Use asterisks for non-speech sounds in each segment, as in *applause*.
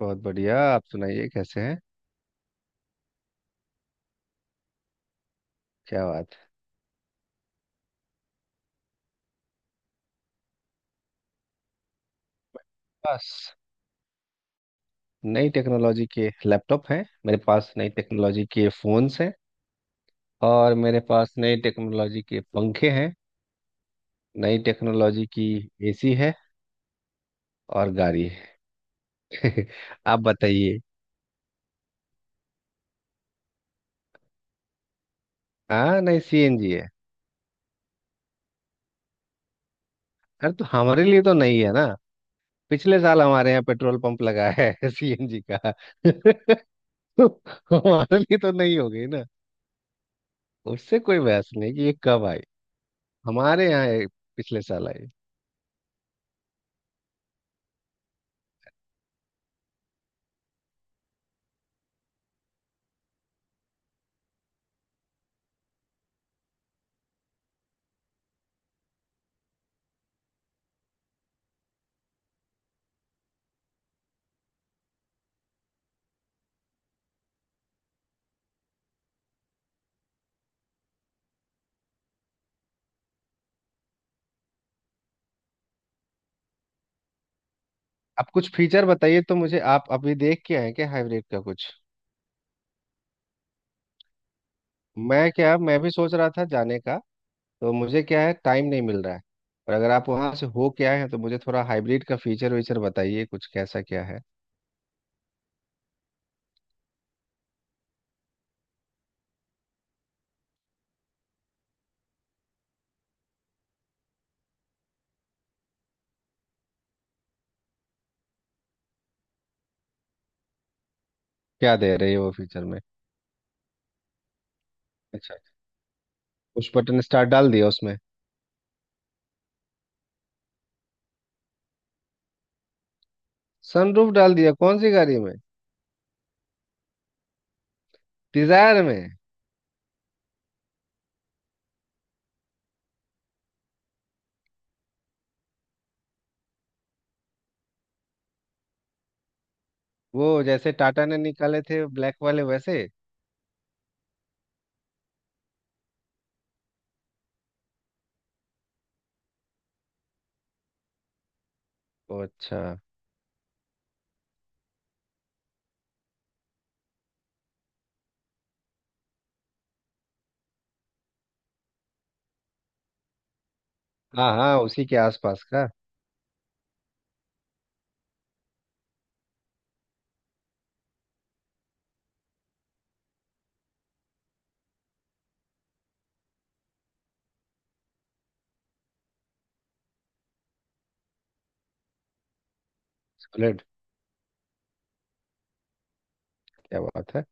बहुत बढ़िया। आप सुनाइए कैसे हैं? क्या बात है। बस नई टेक्नोलॉजी के लैपटॉप हैं, मेरे पास नई टेक्नोलॉजी के फ़ोन्स हैं, और मेरे पास नई टेक्नोलॉजी के पंखे हैं। नई टेक्नोलॉजी की एसी है और गाड़ी है। *laughs* आप बताइए। हाँ, नहीं, सीएनजी है। अरे तो हमारे लिए तो नहीं है ना। पिछले साल हमारे यहाँ पेट्रोल पंप लगा है, *laughs* सीएनजी का। *laughs* तो हमारे लिए तो नहीं हो गई ना। उससे कोई बहस नहीं कि ये कब आई। हमारे यहाँ ये पिछले साल आई। अब कुछ फीचर बताइए तो, मुझे आप अभी देख के आए क्या हाइब्रिड का कुछ? मैं, क्या, मैं भी सोच रहा था जाने का, तो मुझे क्या है, टाइम नहीं मिल रहा है। और अगर आप वहां से हो के आए हैं तो मुझे थोड़ा हाइब्रिड का फीचर वीचर बताइए कुछ, कैसा क्या है? क्या दे रही है वो फीचर में? अच्छा, पुश बटन स्टार्ट डाल दिया उसमें। सनरूफ डाल दिया कौन सी गाड़ी में? डिजायर में। वो जैसे टाटा ने निकाले थे ब्लैक वाले, वैसे? ओ, अच्छा। हाँ हाँ, उसी के आसपास का। बुलेट। क्या बात है।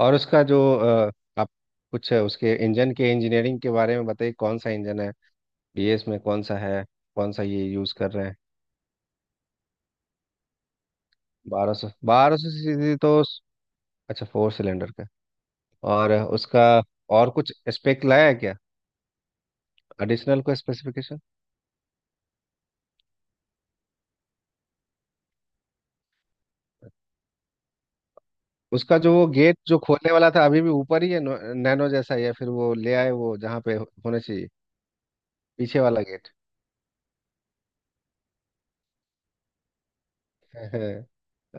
और उसका जो आप, उसके इंजन के, इंजीनियरिंग के बारे में बताइए कौन सा इंजन है? बीएस में कौन सा है? कौन सा ये यूज़ कर रहे हैं? बारह सौ सीसी तो। अच्छा, फोर सिलेंडर का। और उसका और कुछ स्पेक लाया है क्या? एडिशनल को स्पेसिफिकेशन। उसका जो वो गेट जो खोलने वाला था, अभी भी ऊपर ही है? नैनो जैसा, या फिर वो ले आए वो जहाँ पे होना चाहिए? पीछे वाला गेट। *laughs*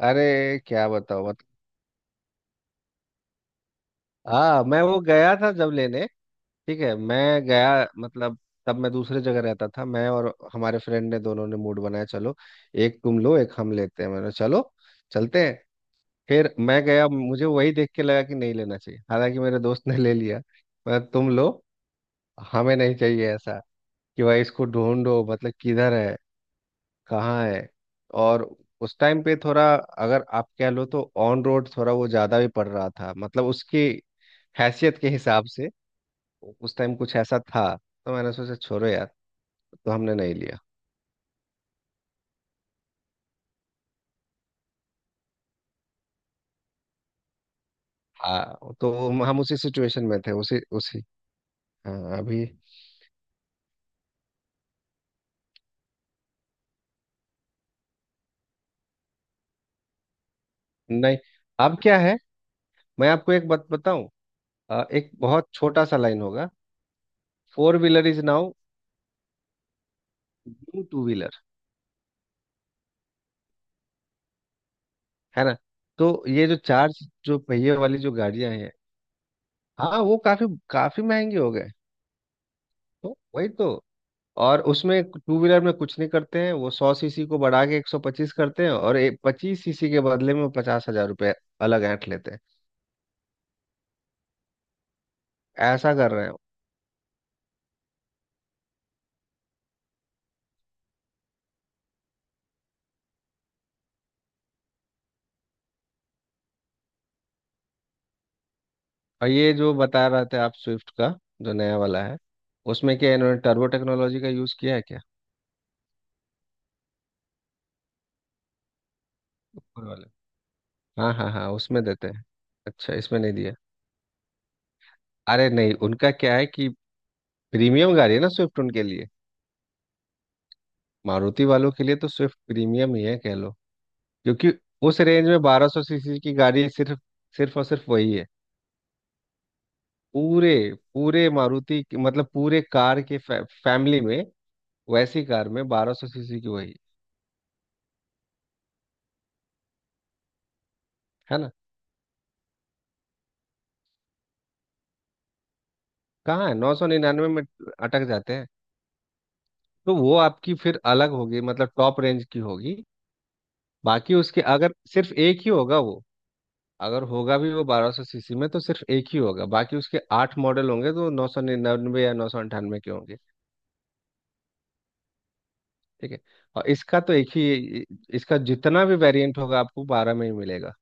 अरे क्या बताओ मतलब। हाँ, मैं वो गया था जब लेने। ठीक है, मैं गया मतलब, तब मैं दूसरे जगह रहता था, मैं और हमारे फ्रेंड ने, दोनों ने मूड बनाया, चलो एक तुम लो एक हम लेते हैं, मैंने, चलो चलते हैं। फिर मैं गया, मुझे वही देख के लगा कि नहीं लेना चाहिए, हालांकि मेरे दोस्त ने ले लिया। मैं, तुम लो, हमें नहीं चाहिए ऐसा कि भाई इसको ढूंढो, मतलब किधर है, कहाँ है। और उस टाइम पे थोड़ा, अगर आप कह लो तो ऑन रोड थोड़ा वो ज्यादा भी पड़ रहा था, मतलब उसकी हैसियत के हिसाब से। उस टाइम कुछ ऐसा था, तो मैंने सोचा छोड़ो यार, तो हमने नहीं लिया। हाँ तो हम उसी सिचुएशन में थे, उसी उसी। हाँ, अभी नहीं। अब क्या है, मैं आपको एक बात बताऊं, एक बहुत छोटा सा लाइन होगा। Four wheeler is now new two wheeler, है ना? तो ये जो चार, जो पहिए वाली जो गाड़ियां हैं, हाँ वो काफी काफी महंगी हो गए। तो वही तो, और उसमें टू व्हीलर में कुछ नहीं करते हैं वो, 100 सीसी को बढ़ा के 125 करते हैं, और 25 सीसी के बदले में वो ₹50,000 अलग ऐंठ लेते हैं। ऐसा कर रहे हैं। और ये जो बता रहे थे आप स्विफ्ट का जो नया वाला है, उसमें क्या इन्होंने टर्बो टेक्नोलॉजी का यूज़ किया है क्या? ऊपर वाले। हाँ हाँ हाँ, उसमें देते हैं। अच्छा, इसमें नहीं दिया। अरे नहीं, उनका क्या है कि प्रीमियम गाड़ी है ना स्विफ्ट उनके लिए। मारुति वालों के लिए तो स्विफ्ट प्रीमियम ही है कह लो, क्योंकि उस रेंज में 1200 सीसी की गाड़ी सिर्फ, सिर्फ और सिर्फ वही है। पूरे, पूरे मारुति के-, मतलब पूरे कार के फैमिली में, वैसी कार में 1200 सीसी की वही, है ना? कहाँ है, 999 में अटक जाते हैं। तो वो आपकी फिर अलग होगी, मतलब टॉप रेंज की होगी। बाकी उसके अगर सिर्फ एक ही होगा वो, अगर होगा भी वो 1200 सीसी में, तो सिर्फ एक ही होगा। बाकी उसके 8 मॉडल होंगे तो 999 या 998 के होंगे। ठीक है। और इसका तो एक ही, इसका जितना भी वेरिएंट होगा आपको बारह में ही मिलेगा,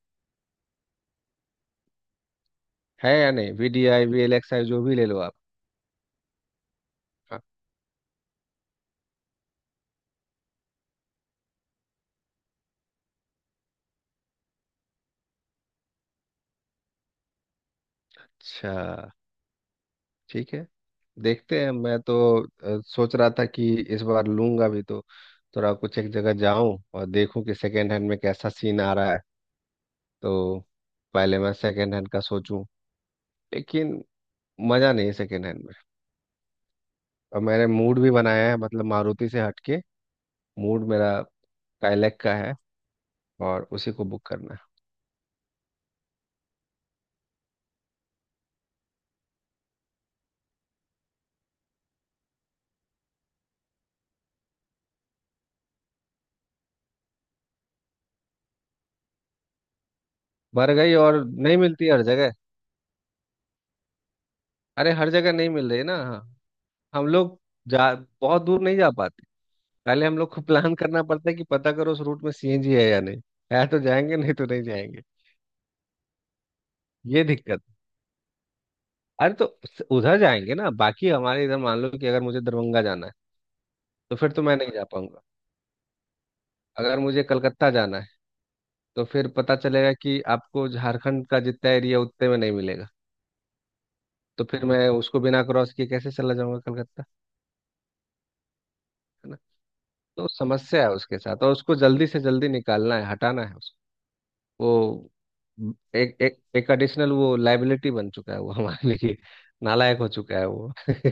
है या नहीं? V D I, V L X I, जो भी ले लो आप। अच्छा, ठीक है। देखते हैं। मैं तो सोच रहा था कि इस बार लूंगा भी तो थोड़ा कुछ, एक जगह जाऊं और देखूं कि सेकेंड हैंड में कैसा सीन आ रहा है, तो पहले मैं सेकेंड हैंड का सोचूं, लेकिन मज़ा नहीं है सेकेंड हैंड में। और मैंने मूड भी बनाया है, मतलब मारुति से हटके। मूड मेरा काइलैक का है और उसी को बुक करना है। भर गई और नहीं मिलती हर जगह। अरे, हर जगह नहीं मिल रही ना, हाँ। हम लोग जा बहुत दूर नहीं जा पाते। पहले हम लोग को प्लान करना पड़ता है कि पता करो उस रूट में सीएनजी है या नहीं, है तो जाएंगे, नहीं तो नहीं जाएंगे। ये दिक्कत। अरे तो उधर जाएंगे ना, बाकी हमारे इधर मान लो कि अगर मुझे दरभंगा जाना है तो फिर तो मैं नहीं जा पाऊंगा। अगर मुझे कलकत्ता जाना है तो फिर पता चलेगा कि आपको झारखंड का जितना एरिया उतने में नहीं मिलेगा, तो फिर मैं उसको बिना क्रॉस किए कैसे चला जाऊंगा कलकत्ता, है ना? तो समस्या है उसके साथ, और उसको जल्दी से जल्दी निकालना है, हटाना है वो। एक एक एक एडिशनल, वो लाइबिलिटी बन चुका है वो हमारे लिए। नालायक हो चुका है वो। *laughs*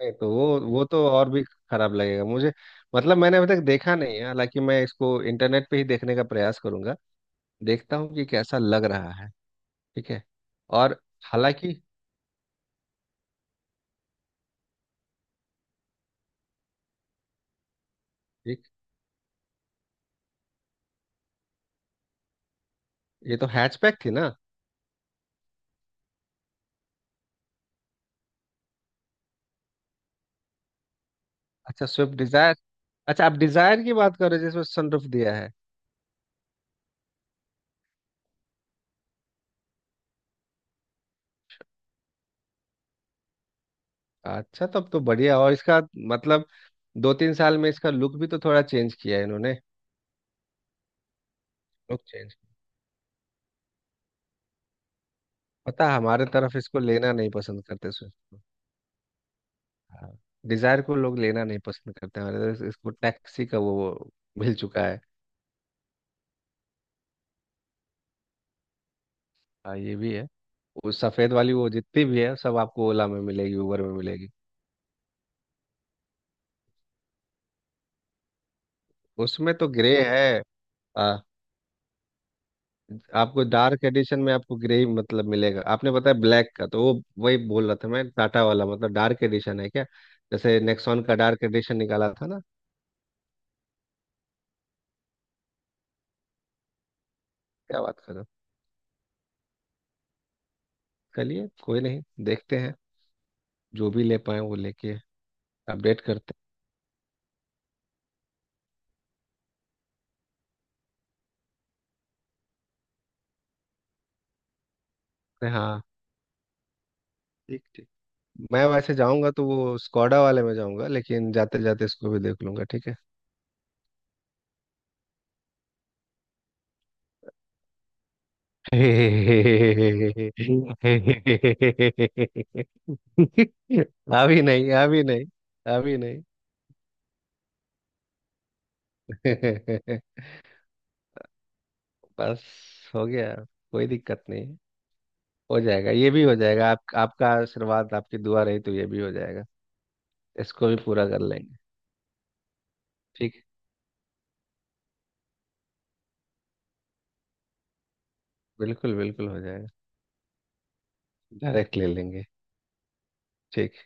नहीं, तो वो तो और भी खराब लगेगा मुझे, मतलब मैंने अभी तक देखा नहीं है। हालांकि मैं इसको इंटरनेट पे ही देखने का प्रयास करूंगा, देखता हूँ कि कैसा लग रहा है। ठीक है। और हालांकि, एक, ये तो हैचबैक थी ना? अच्छा, स्विफ्ट डिजायर। अच्छा, आप डिजायर की बात कर रहे हो जिसमें सनरूफ दिया है? अच्छा, तब तो बढ़िया। और इसका, मतलब 2-3 साल में इसका लुक भी तो थोड़ा चेंज किया है इन्होंने। लुक, पता है, हमारे तरफ इसको लेना नहीं पसंद करते, स्विफ्ट को, डिजायर को लोग लेना नहीं पसंद करते हमारे तरफ, इसको टैक्सी का वो मिल चुका है। हाँ, ये भी है। वो सफेद वाली, वो जितनी भी है सब आपको ओला में मिलेगी, उबर में मिलेगी। उसमें तो ग्रे है। आ, आपको डार्क एडिशन में आपको ग्रे ही मतलब मिलेगा, आपने बताया ब्लैक का तो वो, वही बोल रहा था मैं टाटा वाला, मतलब डार्क एडिशन है क्या? जैसे नेक्सॉन का डार्क एडिशन निकाला था ना। क्या बात कर रहे हो। चलिए, कोई नहीं, देखते हैं, जो भी ले पाए वो लेके अपडेट करते हैं। हाँ, ठीक ठीक। मैं वैसे जाऊंगा तो वो स्कॉडा वाले में जाऊंगा, लेकिन जाते जाते इसको भी देख लूंगा, ठीक है। *laughs* अभी नहीं, अभी नहीं, अभी नहीं। *laughs* बस, हो गया, कोई दिक्कत नहीं है। हो जाएगा, ये भी हो जाएगा। आप, आपका आशीर्वाद, आपकी दुआ रही तो ये भी हो जाएगा, इसको भी पूरा कर लेंगे। ठीक है, बिल्कुल बिल्कुल हो जाएगा। डायरेक्ट ले लेंगे। ठीक